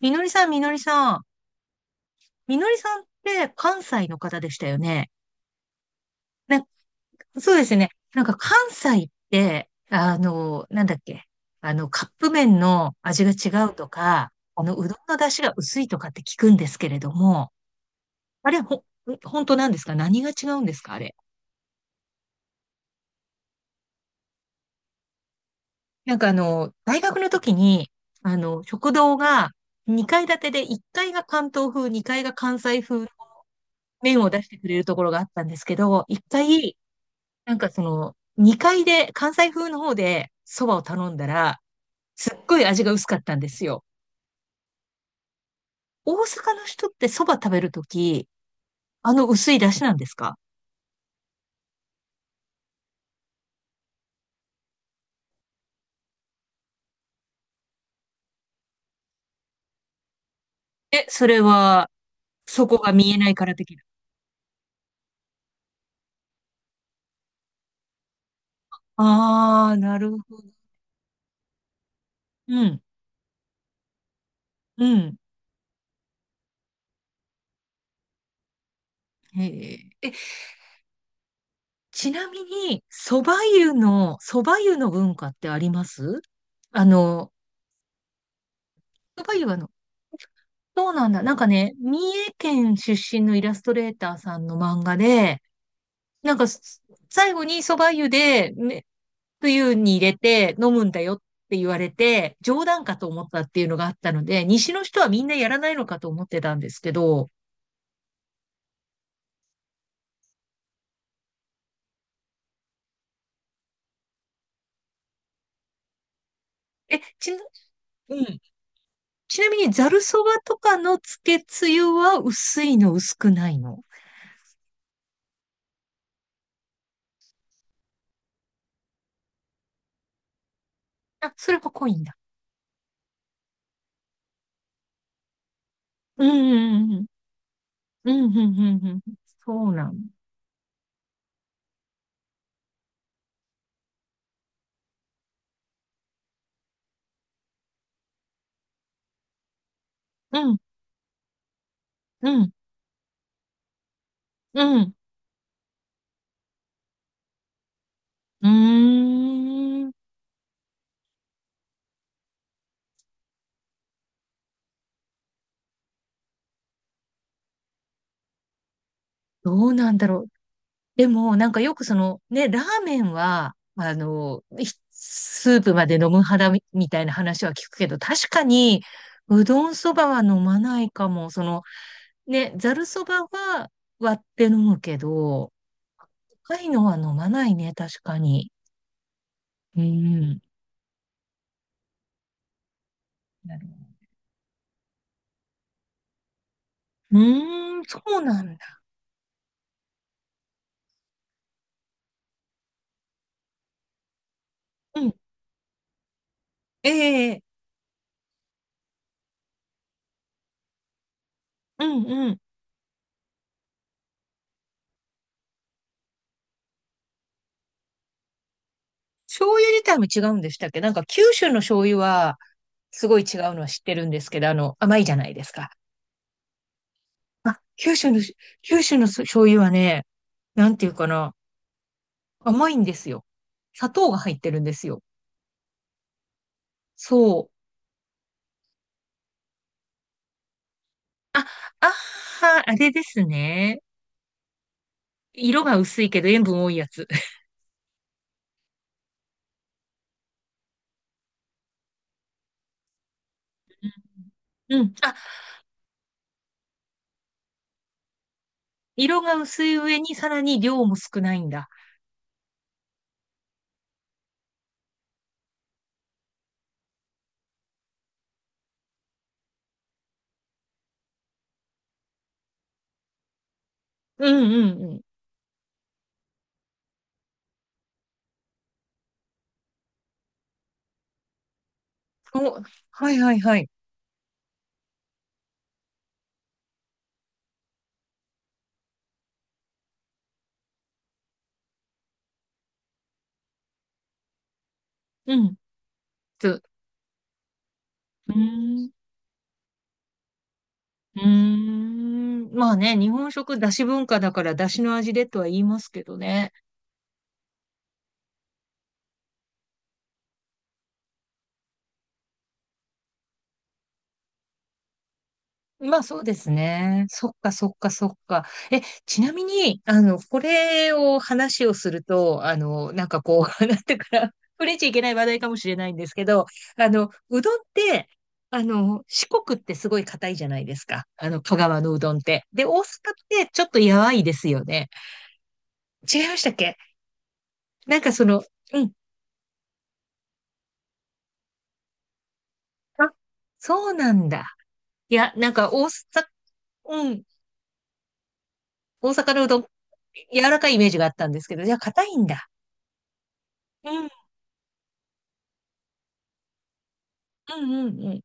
みのりさん、みのりさん。みのりさんって関西の方でしたよね。ね、そうですね。なんか関西って、なんだっけ。カップ麺の味が違うとか、うどんの出汁が薄いとかって聞くんですけれども、あれ、ほ、本当なんですか？何が違うんですかあれ？なんか大学の時に、食堂が2階建てで1階が関東風、2階が関西風の麺を出してくれるところがあったんですけど、1階、なんかその、2階で、関西風の方で蕎麦を頼んだら、すっごい味が薄かったんですよ。大阪の人って蕎麦食べるとき、あの薄い出汁なんですか？え、それは、そこが見えないから的な。ああ、なるほど。うん、うん。へえ、え、ちなみに、蕎麦湯の文化ってあります？あの、蕎麦湯はあの、そうなんだ。なんかね、三重県出身のイラストレーターさんの漫画で、なんか、す最後に蕎麦湯で、ね、冬に入れて飲むんだよって言われて、冗談かと思ったっていうのがあったので、西の人はみんなやらないのかと思ってたんですけど、え、ちな、うん。ちなみに、ざる蕎麦とかのつけつゆは薄いの、薄くないの？あ、それは濃いんだ。うん、うん、うん、うん、うん、うん、うん。そうなの。うん、うん、うん。うーん。どうなんだろう。でも、なんかよくその、ね、ラーメンは、スープまで飲む派だみたいな話は聞くけど、確かに、うどんそばは飲まないかも。その、ね、ざるそばは割って飲むけど、高いのは飲まないね、確かに。うん。なるほどうーん、そうなんだ。うん。ええ、うんうん。醤油自体も違うんでしたっけ？なんか九州の醤油はすごい違うのは知ってるんですけど、あの、甘いじゃないですか。あ、九州の醤油はね、なんていうかな、甘いんですよ。砂糖が入ってるんですよ。そう。あ、あー、あれですね。色が薄いけど塩分多いやつ。うん。あ、色が薄い上にさらに量も少ないんだ。うんうんうん。お、はいはいはい。うん。つ、うーん。うーん。まあね、日本食だし文化だからだしの味でとは言いますけどね。まあそうですね。そっかそっかそっか。え、ちなみに、これを話をすると、なんかこう、なんていうかな、触れちゃいけない話題かもしれないんですけど、うどんって、四国ってすごい硬いじゃないですか。あの、香川のうどんって。で、大阪ってちょっとやわいですよね。違いましたっけ？なんかその、うん。あ、そうなんだ。いや、なんかうん。大阪のうどん、柔らかいイメージがあったんですけど、じゃあ硬いんだ。うんうんうん。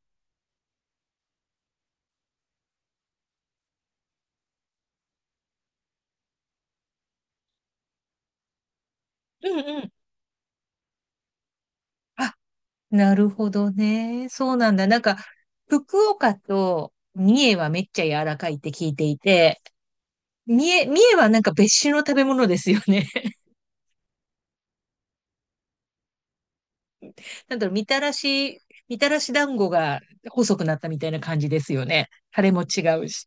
うんうん。あ、なるほどね。そうなんだ。なんか、福岡と三重はめっちゃ柔らかいって聞いていて、三重はなんか別種の食べ物ですよね。なんだろう、みたらし団子が細くなったみたいな感じですよね。タレも違うし。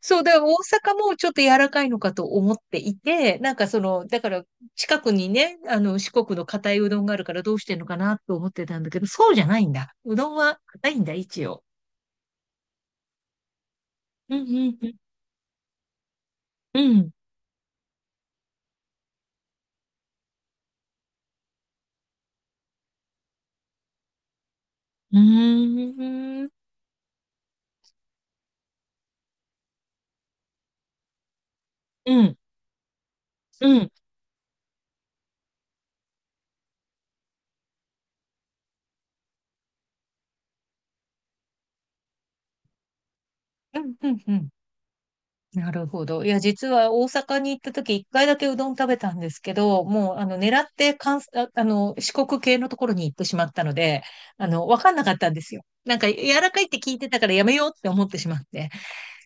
そう、だから大阪もちょっと柔らかいのかと思っていて、なんかその、だから近くにね、あの四国の硬いうどんがあるからどうしてんのかなと思ってたんだけど、そうじゃないんだ。うどんは硬いんだ、一応。うん、うん、うん。うーん。うん、うん、うん、うん。うんなるほど。いや、実は大阪に行った時、一回だけうどん食べたんですけど、もう、あの、狙って関西、ああの、四国系のところに行ってしまったので、あの、わかんなかったんですよ。なんか、柔らかいって聞いてたからやめようって思ってしまって。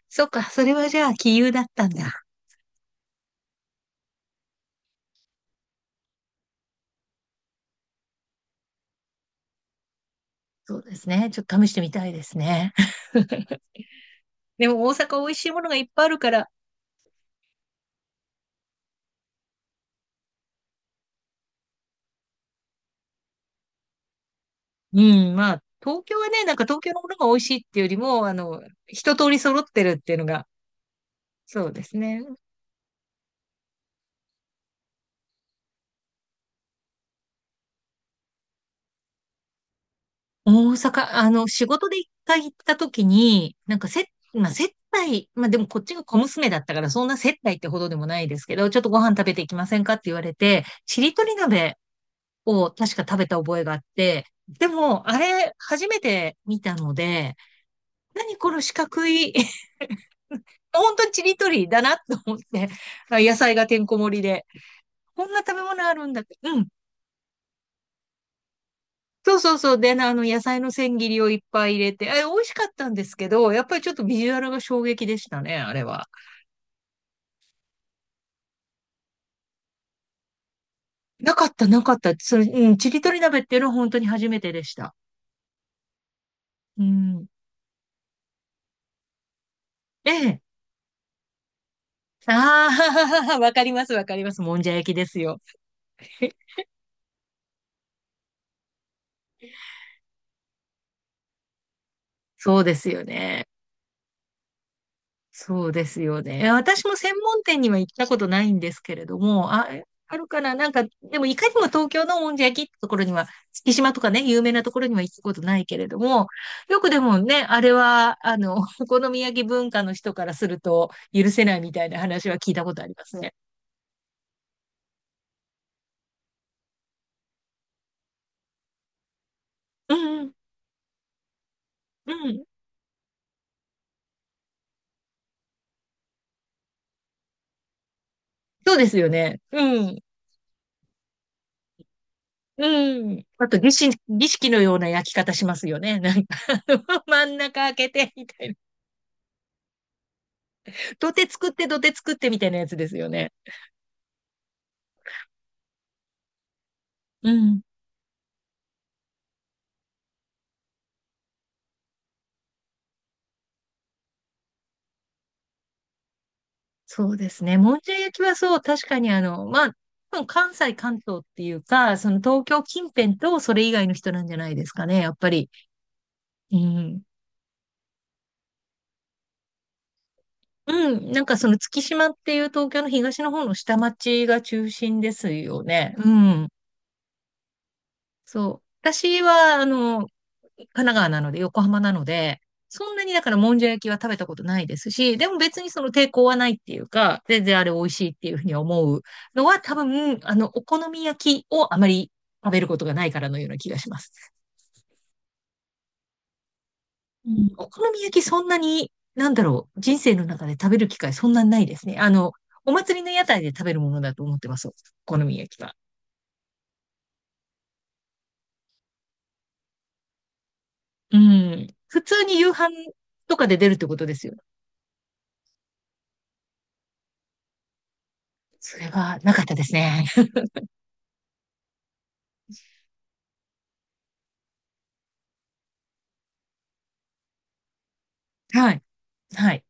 そっか、それはじゃあ、杞憂だったんだ。そうですね。ちょっと試してみたいですね。でも、大阪美味しいものがいっぱいあるから、うん、まあ、東京はね、なんか東京のものが美味しいっていうよりも、あの、一通り揃ってるっていうのが、そうですね。大阪、あの、仕事で一回行った時に、なんかせ、まあ、接待、まあでもこっちが小娘だったから、そんな接待ってほどでもないですけど、ちょっとご飯食べていきませんかって言われて、ちりとり鍋を確か食べた覚えがあって、でも、あれ、初めて見たので、何この四角い、本当にちりとりだなと思って、野菜がてんこ盛りで。こんな食べ物あるんだって。うん。そうそうそう。で、あの、野菜の千切りをいっぱい入れて、え、美味しかったんですけど、やっぱりちょっとビジュアルが衝撃でしたね、あれは。なかった、なかった。それ、うん、ちりとり鍋っていうのは本当に初めてでした。うん。ええ。ああ、わかります、わかります。もんじゃ焼きですよ。そうですよね。そうですよね。いや私も専門店には行ったことないんですけれども、あ、あるかななんか、でもいかにも東京のもんじゃ焼きってところには、月島とかね、有名なところには行ったことないけれども、よくでもね、あれは、あの、お好み焼き文化の人からすると許せないみたいな話は聞いたことありますね。うん、うん。そうですよね。うん。うん。あと儀式のような焼き方しますよね。なんか、あの真ん中開けて、みたいな。土手作ってみたいなやつですよね。うん。そうですね。もんじゃ焼きはそう、確かにあの、まあ、多分関東っていうか、その東京近辺とそれ以外の人なんじゃないですかね、やっぱり。うん。うん。なんかその月島っていう東京の東の方の下町が中心ですよね。うん。そう。私は、あの、神奈川なので、横浜なので、そんなにだからもんじゃ焼きは食べたことないですし、でも別にその抵抗はないっていうか、全然あれ美味しいっていうふうに思うのは多分、あの、お好み焼きをあまり食べることがないからのような気がします。うん。お好み焼きそんなに、なんだろう、人生の中で食べる機会そんなにないですね。あの、お祭りの屋台で食べるものだと思ってます。お好み焼きは。うん。普通に夕飯とかで出るってことですよ。それはなかったですね。はい。はい。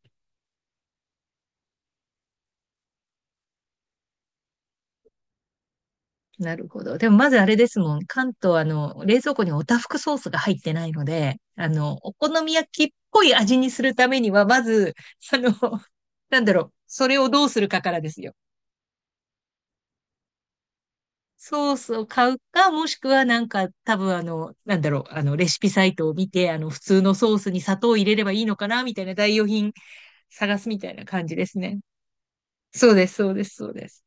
なるほど。でもまずあれですもん。関東、あの、冷蔵庫におたふくソースが入ってないので、あの、お好み焼きっぽい味にするためには、まず、あの、なんだろう、それをどうするかからですよ。ソースを買うか、もしくはなんか、多分あの、なんだろう、あの、レシピサイトを見て、あの、普通のソースに砂糖を入れればいいのかな、みたいな代用品探すみたいな感じですね。そうです、そうです、そうです。